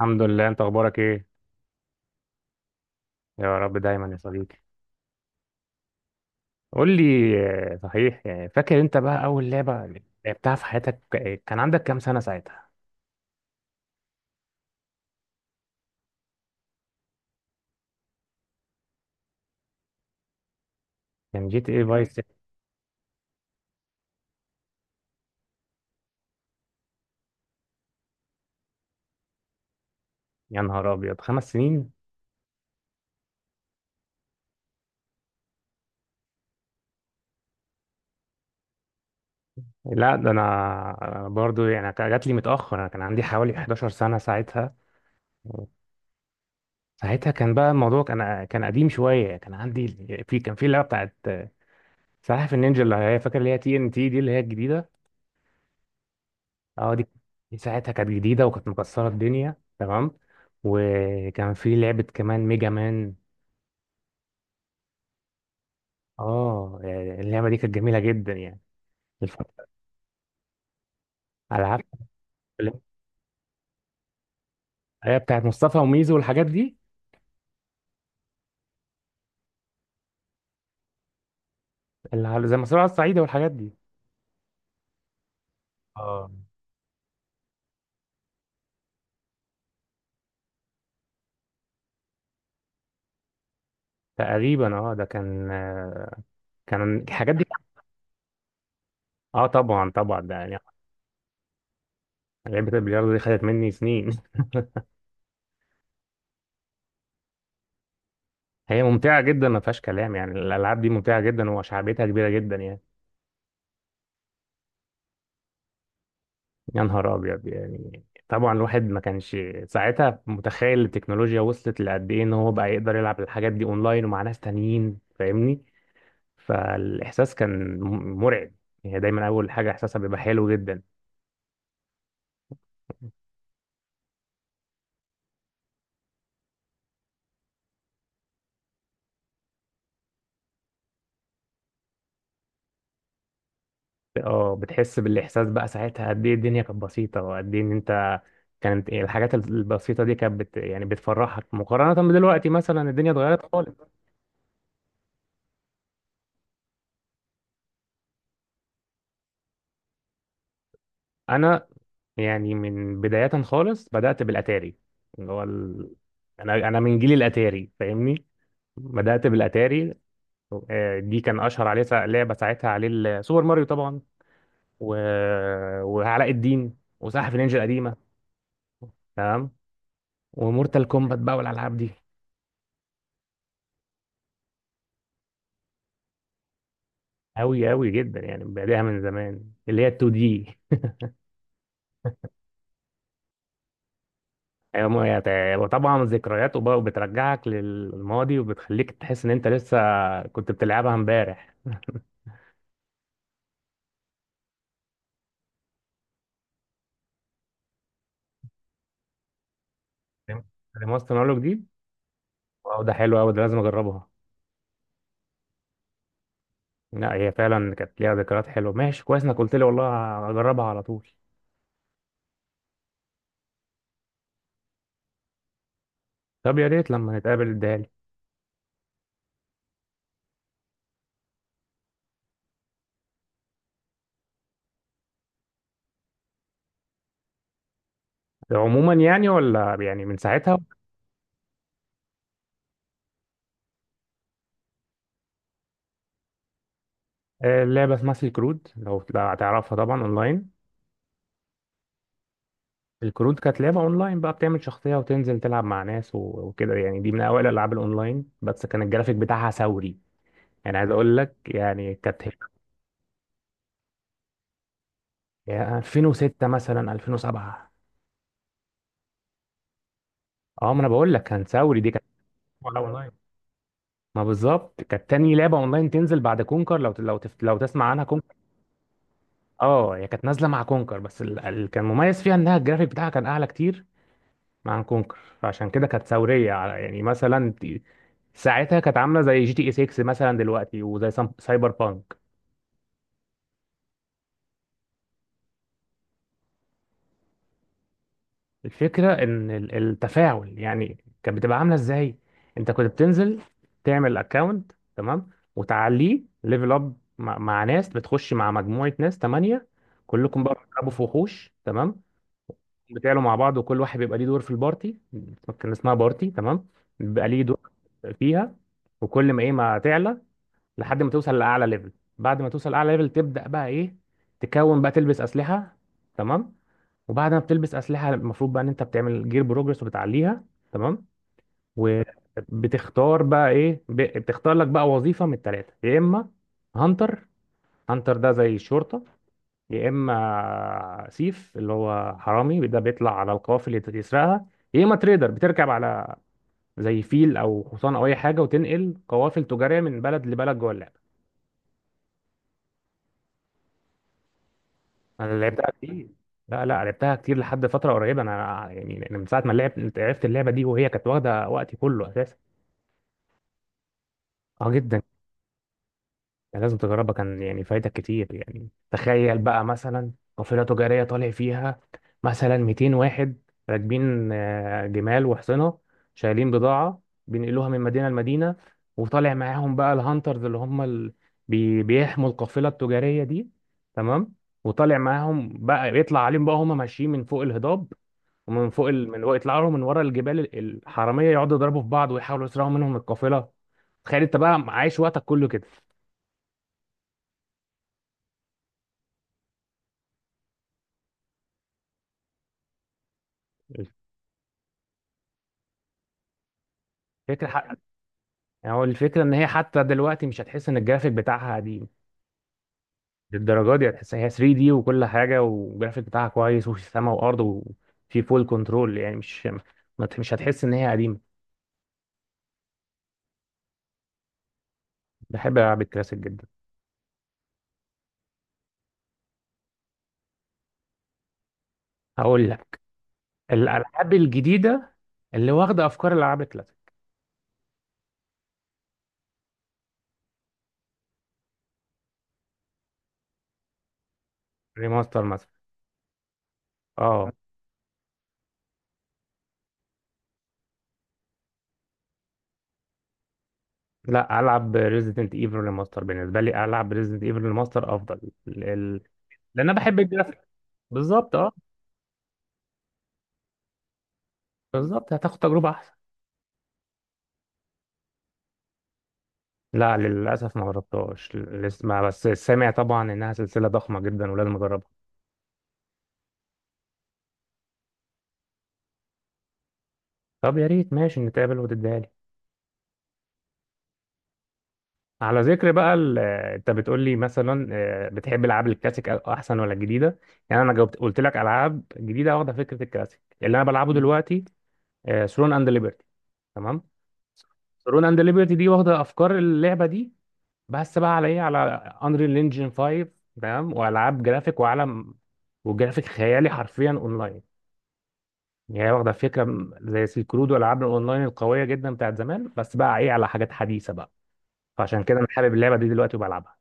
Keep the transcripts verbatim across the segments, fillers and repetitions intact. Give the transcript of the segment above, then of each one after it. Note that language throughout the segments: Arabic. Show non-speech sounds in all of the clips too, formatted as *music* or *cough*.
الحمد لله، انت اخبارك ايه؟ يا رب دايما يا صديقي. قول لي. آه، صحيح يعني فاكر انت بقى اول لعبه لعبتها في حياتك؟ آه، كان عندك كام سنه ساعتها؟ كان جي تي اي فايس مم. سيتي. يا نهار ابيض! خمس سنين؟ لا ده انا. أنا برضو يعني كان- جات لي متاخر، انا كان عندي حوالي إحداشر سنة سنه ساعتها. ساعتها كان بقى الموضوع، كان كان قديم شويه، كان عندي، في كان في اللعبه بتاعت آه، سلاحف النينجا، اللي هي فاكر اللي هي تي ان تي دي، اللي هي الجديده. اه دي دي ساعتها كانت جديدة وكانت مكسرة الدنيا، تمام. وكان في لعبة كمان، ميجا مان. اه يعني اللعبة دي كانت جميلة جدا يعني الفترة، على عكس. هي بتاعت مصطفى وميزو والحاجات دي، اللي على- زي مسرح الصعيدة والحاجات دي. اه تقريبا، اه ده كان، آه، كان الحاجات دي. اه طبعا طبعا ده يعني، لعبة البلياردو دي خدت مني سنين *laughs* هي ممتعة جدا ما فيهاش كلام، يعني الألعاب دي ممتعة جدا وشعبيتها كبيرة جدا يعني. يا نهار ابيض! يعني طبعا الواحد ما كانش ساعتها متخيل التكنولوجيا وصلت لقد ايه، ان هو بقى يقدر يلعب الحاجات دي اونلاين ومع ناس تانيين، فاهمني؟ فالاحساس كان م- مرعب. هي دايما اول حاجه احساسها بيبقى حلو جدا. اه بتحس بالاحساس بقى ساعتها قد ايه الدنيا كانت بسيطه، وقد ايه ان انت، كانت الحاجات البسيطه دي كانت بت يعني بتفرحك مقارنه بدلوقتي، مثلا الدنيا اتغيرت خالص. انا يعني من بداية خالص بدأت بالأتاري، اللي هو ال... أنا أنا من جيل الأتاري، فاهمني؟ بدأت بالأتاري. آه، دي كان أشهر عليه سا- لعبة ساعتها عليه ال- سوبر ماريو طبعا، و... وعلاء الدين وسلاحف النينجا القديمة، تمام. ومورتال كومبات بقى والألعاب دي. أوي أوي جدا يعني بادئها من زمان، اللي هي 2 دي. أيوة، ما هي- وطبعا ذكريات، وب- وبترجعك للماضي وبتخليك تحس إن أنت لسه كنت بتلعبها امبارح. فاهم؟ ريماستر نقول دي؟ واو، ده حلو قوي، ده لازم اجربها. لا هي فعلا كانت ليها ذكريات حلوه، ماشي كويس انك قلت لي، والله اجربها على طول. طب يا ريت لما نتقابل اديها لي. عموما يعني، ولا يعني من ساعتها؟ آه، لعبه اسمها سلك رود، لو لو هتعرفها طبعا، اونلاين. الكروت، كانت لعبه اونلاين بقى، بتعمل شخصيه وتنزل تلعب مع ناس و- وكده يعني. دي من اوائل الالعاب الاونلاين، بس كان الجرافيك بتاعها ثوري، يعني عايز اقول لك يعني كانت، يعني ألفين وستة مثلا، ألفين وسبعة. اه ما انا بقول لك كان ثوري، دي كانت أول أونلاين. ما بالظبط كانت تاني لعبه اونلاين تنزل بعد كونكر، لو لو تف... لو تسمع عنها، كونكر. اه هي كانت نازله مع كونكر، بس ال... ال... كان مميز فيها انها الجرافيك بتاعها كان اعلى كتير مع كونكر، فعشان كده كانت ثوريه، على- يعني مثلا ت- ساعتها كانت عامله زي جي تي اي ستة مثلا دلوقتي، وزي سام- سايبر بانك. الفكره ان ال- التفاعل يعني كانت بتبقى عامله ازاي. انت كنت بتنزل تعمل اكونت، تمام، وتعليه ليفل اب، مع... مع ناس، بتخش مع مجموعه ناس تمانية، كلكم بقى بتلعبوا في وحوش، تمام. بتعلوا مع بعض، وكل واحد بيبقى ليه دور في البارتي، كان اسمها بارتي، تمام. بيبقى ليه دور فيها، وكل ما ايه ما تعلى، لحد ما توصل لاعلى ليفل. بعد ما توصل لاعلى ليفل تبدا بقى ايه، تكون بقى تلبس اسلحه، تمام. وبعد ما بتلبس اسلحه، المفروض بقى ان انت بتعمل جير بروجرس وبتعليها، تمام. وبتختار بقى ايه، ب- بتختار لك بقى وظيفه من الثلاثه، يا اما هانتر. هانتر ده زي الشرطه. يا اما سيف، اللي هو حرامي، ده بيطلع على القوافل يت- يسرقها. يا اما تريدر، بتركب على زي فيل او حصان او اي حاجه، وتنقل قوافل تجاريه من بلد لبلد جوه اللعبه. انا لعبتها كتير. لا لا، لعبتها كتير لحد فتره قريبه، انا يعني أنا من ساعه ما لعبت عرفت اللعبه دي وهي كانت واخده وقتي كله اساسا. اه جدا. يعني لازم تجربها، كان يعني فايدة كتير، يعني تخيل بقى مثلا قافلة تجارية طالع فيها مثلا 200 واحد، راكبين آه، جمال وحصنة، شايلين بضاعة، بينقلوها من مدينة لمدينة. وطالع معاهم بقى الهانترز، اللي هم ال... بي... بيحموا القافلة التجارية دي، تمام. وطالع معاهم بقى يطلع عليهم بقى، هم ماشيين من فوق الهضاب، ومن فوق ال... من يطلعوا لهم من ورا الجبال، ال- الحرامية، يقعدوا يضربوا في بعض ويحاولوا يسرقوا منهم القافلة. تخيل انت بقى عايش وقتك كله كده. فكرة حق. يعني هو الفكرة ان هي حتى دلوقتي مش هتحس ان الجرافيك بتاعها قديم. للدرجة دي هتحس هي 3 دي وكل حاجة، والجرافيك بتاعها كويس وفي سما وارض وفي فول كنترول، يعني مش، ما ت- مش هتحس ان هي قديمة. بحب العاب الكلاسيك جدا. هقول لك، الالعاب الجديدة اللي واخدة افكار الالعاب الكلاسيك. ريماستر مثلا؟ اه. لا، العب ريزيدنت ايفل ريماستر، بالنسبة لي العب ريزيدنت ايفل ريماستر افضل. ال... ال- لان انا بحب الجرافيك. بالظبط، اه. بالظبط، هتاخد تجربة احسن. لا للأسف ما جربتهاش لسه، ما بس سامع طبعا إنها سلسلة ضخمة جدا ولازم أجربها. طب يا ريت، ماشي، نتقابل وتديها لي. على ذكر بقى ال- آه، أنت بتقول لي مثلا آه، بتحب الألعاب الكلاسيك أ- أحسن ولا الجديدة. يعني أنا جاوبت قلت لك ألعاب جديدة واخدة فكرة الكلاسيك، اللي أنا بلعبه دلوقتي، ثرون أند ليبرتي، تمام. ثرون أند ليبرتي دي واخدة أفكار اللعبة دي، بس بقى على إيه، على أنريل إنجن خمسة، تمام، وألعاب جرافيك وعالم، وجرافيك خيالي، حرفيا أونلاين. يعني هي واخدة فكرة، م- زي سيلك رود والألعاب الأونلاين القوية جدا بتاعت زمان، بس بقى إيه، على حاجات حديثة بقى. فعشان كده أنا حابب اللعبة دي دلوقتي وبلعبها.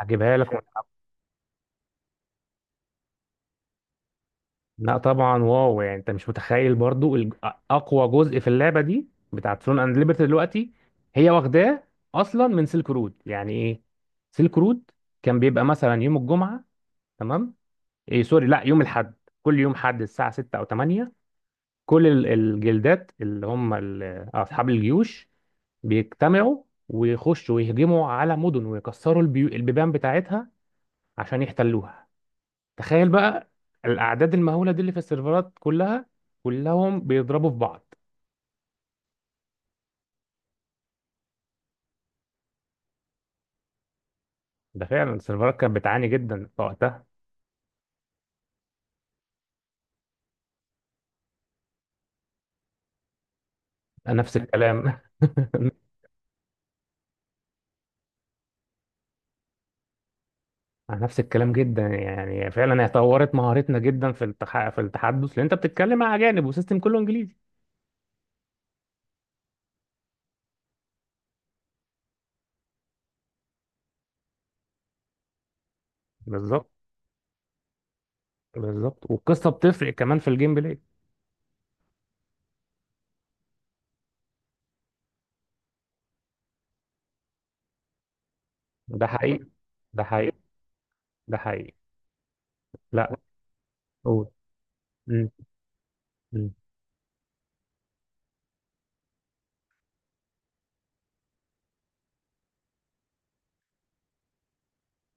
هجيبها لك ون- لا طبعا، واو يعني، أنت مش متخيل برضو، ال- أ- أقوى جزء في اللعبة دي بتاعت ثرون أند ليبرتي دلوقتي هي واخداه أصلا من سيلك رود. يعني إيه سيلك رود؟ كان بيبقى مثلا يوم الجمعة، تمام، إيه سوري، لا، يوم الحد. كل يوم حد الساعة ستة أو تمانية، كل ال- الجلدات، اللي هم ال- أصحاب الجيوش، بيجتمعوا ويخشوا ويهجموا على مدن، ويكسروا البيو... البيبان بتاعتها عشان يحتلوها. تخيل بقى الأعداد المهولة دي اللي في السيرفرات كلها، كلهم بيضربوا في بعض. ده فعلا السيرفرات كانت بتعاني جدا في وقتها. نفس الكلام. *laughs* نفس الكلام جدا، يعني فعلا هي طورت مهارتنا جدا في التح... في التحدث، لان انت بتتكلم مع اجانب وسيستم كله انجليزي. بالظبط. بالظبط، والقصه بتفرق كمان في الجيم بلاي. ده حقيقي. ده حقيقي. ده حقيقي. لا، قول. مم. مم.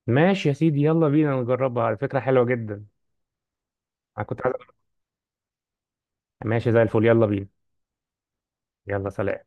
ماشي يا سيدي، يلا بينا نجربها، على فكرة حلوة جدا. انا كنت عايز. ماشي زي الفل، يلا بينا. يلا، سلام.